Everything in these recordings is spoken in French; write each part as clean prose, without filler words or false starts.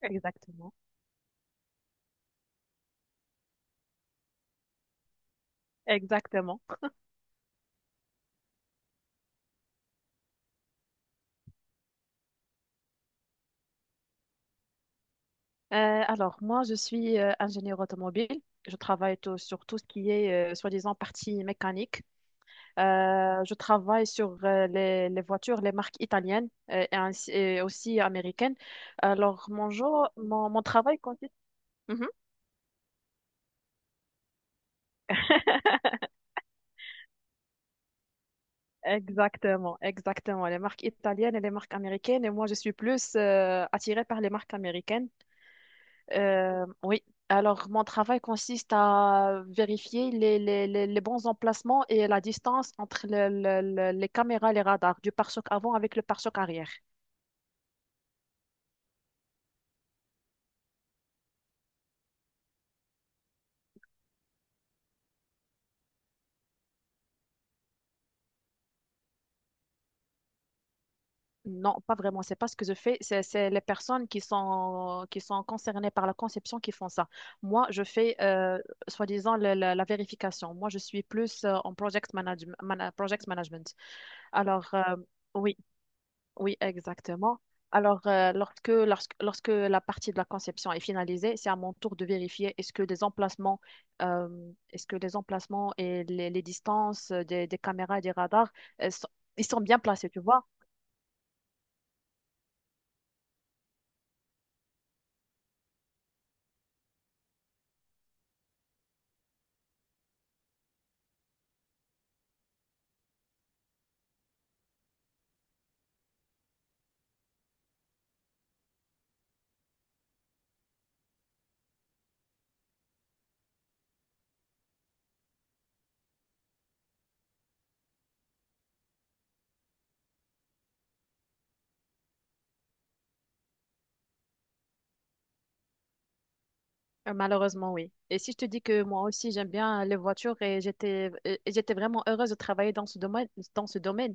Exactement, exactement. Euh, moi, je suis ingénieur automobile. Je travaille sur tout ce qui est, soi-disant, partie mécanique. Je travaille sur les voitures, les marques italiennes et aussi américaines. Alors, mon travail consiste... Mhm. Exactement, exactement. Les marques italiennes et les marques américaines. Et moi, je suis plus attirée par les marques américaines. Oui. Alors, mon travail consiste à vérifier les bons emplacements et la distance entre les caméras et les radars du pare-choc avant avec le pare-choc arrière. Non, pas vraiment. C'est pas ce que je fais. C'est les personnes qui sont concernées par la conception qui font ça. Moi, je fais, soi-disant, la vérification. Moi, je suis plus en project management. Alors, euh, oui. Oui, exactement. Alors, lorsque la partie de la conception est finalisée, c'est à mon tour de vérifier est-ce que les emplacements, euh, est-ce que les emplacements et les distances des caméras et des radars, euh, sont- ils sont bien placés, tu vois? Malheureusement, oui. Et si je te dis que moi aussi, j'aime bien les voitures et j'étais vraiment heureuse de travailler dans ce domaine, dans ce domaine.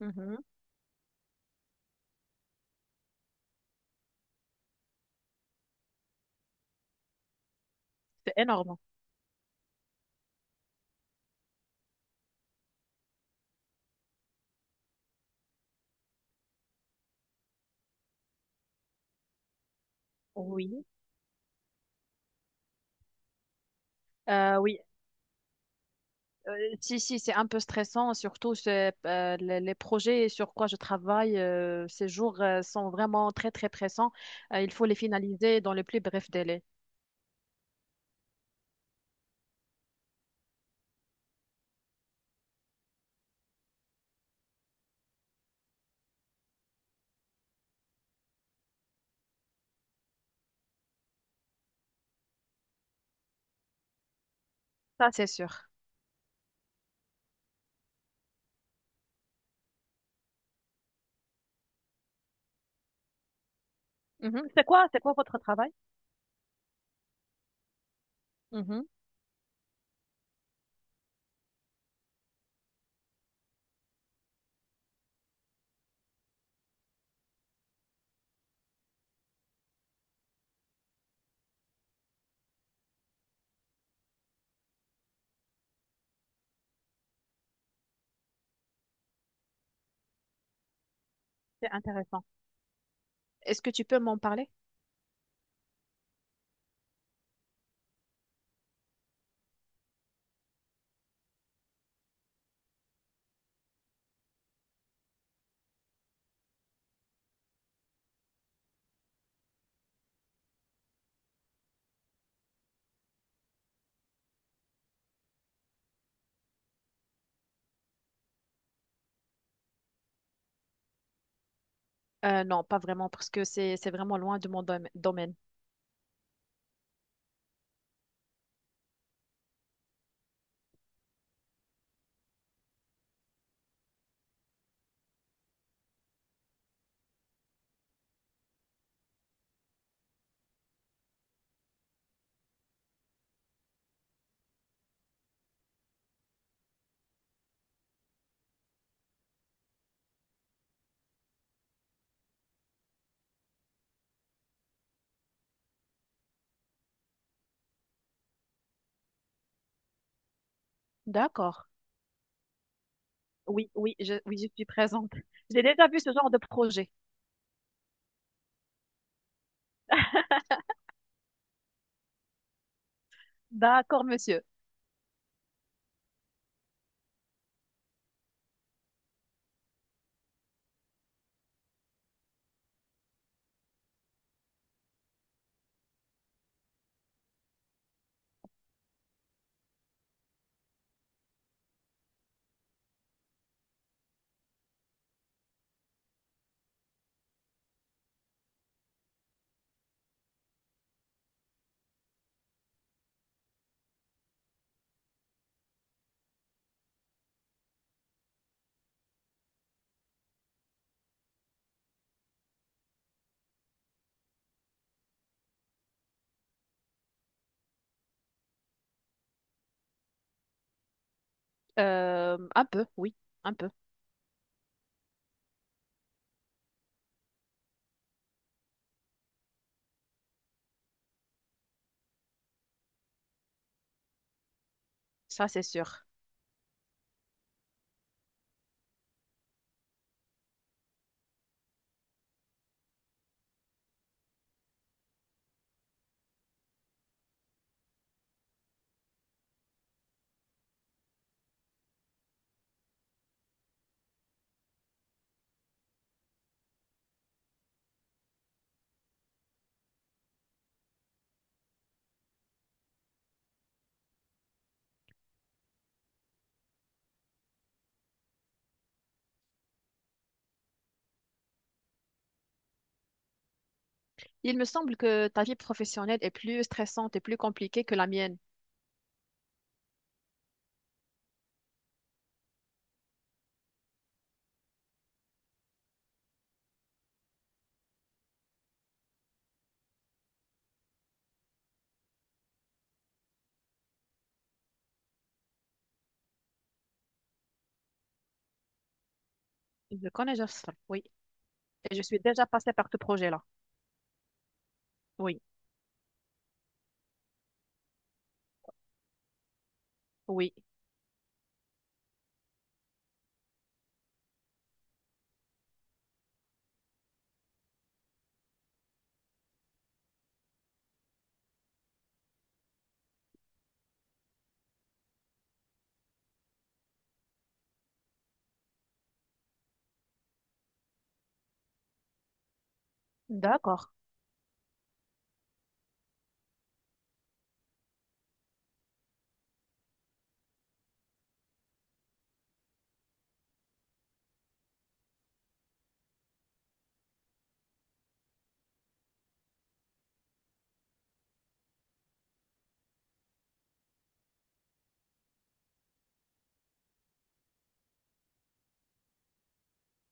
Mhm. C'est énorme. Oui. Euh, oui, Si, si, c'est un peu stressant, surtout c'est, les projets sur quoi je travaille ces jours sont vraiment très, très pressants. Il faut les finaliser dans le plus bref délai. Ça, c'est sûr. Mhm. C'est quoi votre travail? Mhm. C'est intéressant. Est-ce que tu peux m'en parler? Non, pas vraiment, parce que c'est vraiment loin de mon domaine. D'accord. Oui, je suis présente. J'ai déjà vu ce genre de projet. D'accord, monsieur. Un peu, oui, un peu. Ça, c'est sûr. Il me semble que ta vie professionnelle est plus stressante et plus compliquée que la mienne. Je connais Jafsar, oui. Et je suis déjà passée par ce projet-là. Oui, oui. D'accord.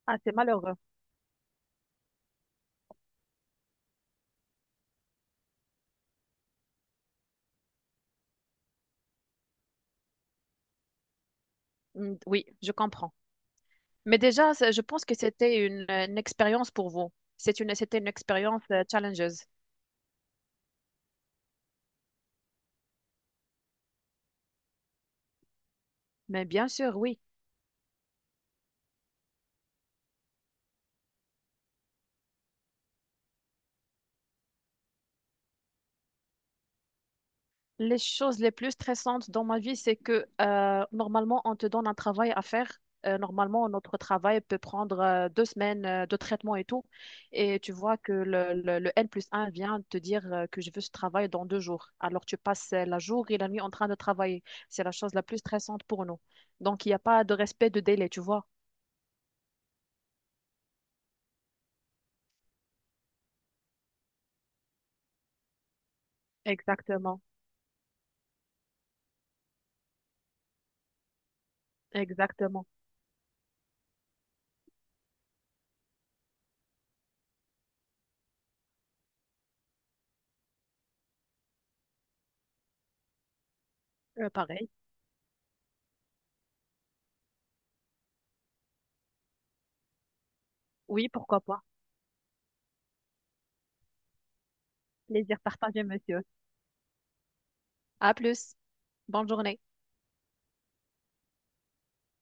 Ah, c'est malheureux. Mm, oui, je comprends. Mais déjà, c'est- je pense que c'était une expérience pour vous. C'était une expérience challengeuse. Mais bien sûr, oui. Les choses les plus stressantes dans ma vie, c'est que normalement, on te donne un travail à faire. Normalement, notre travail peut prendre 2 semaines de traitement et tout. Et tu vois que le N+1 vient te dire que je veux ce travail dans 2 jours. Alors, tu passes la jour et la nuit en train de travailler. C'est la chose la plus stressante pour nous. Donc, il n'y a pas de respect de délai, tu vois. Exactement, exactement. Pareil. Oui, pourquoi pas. Plaisir partagé, monsieur. À plus. Bonne journée.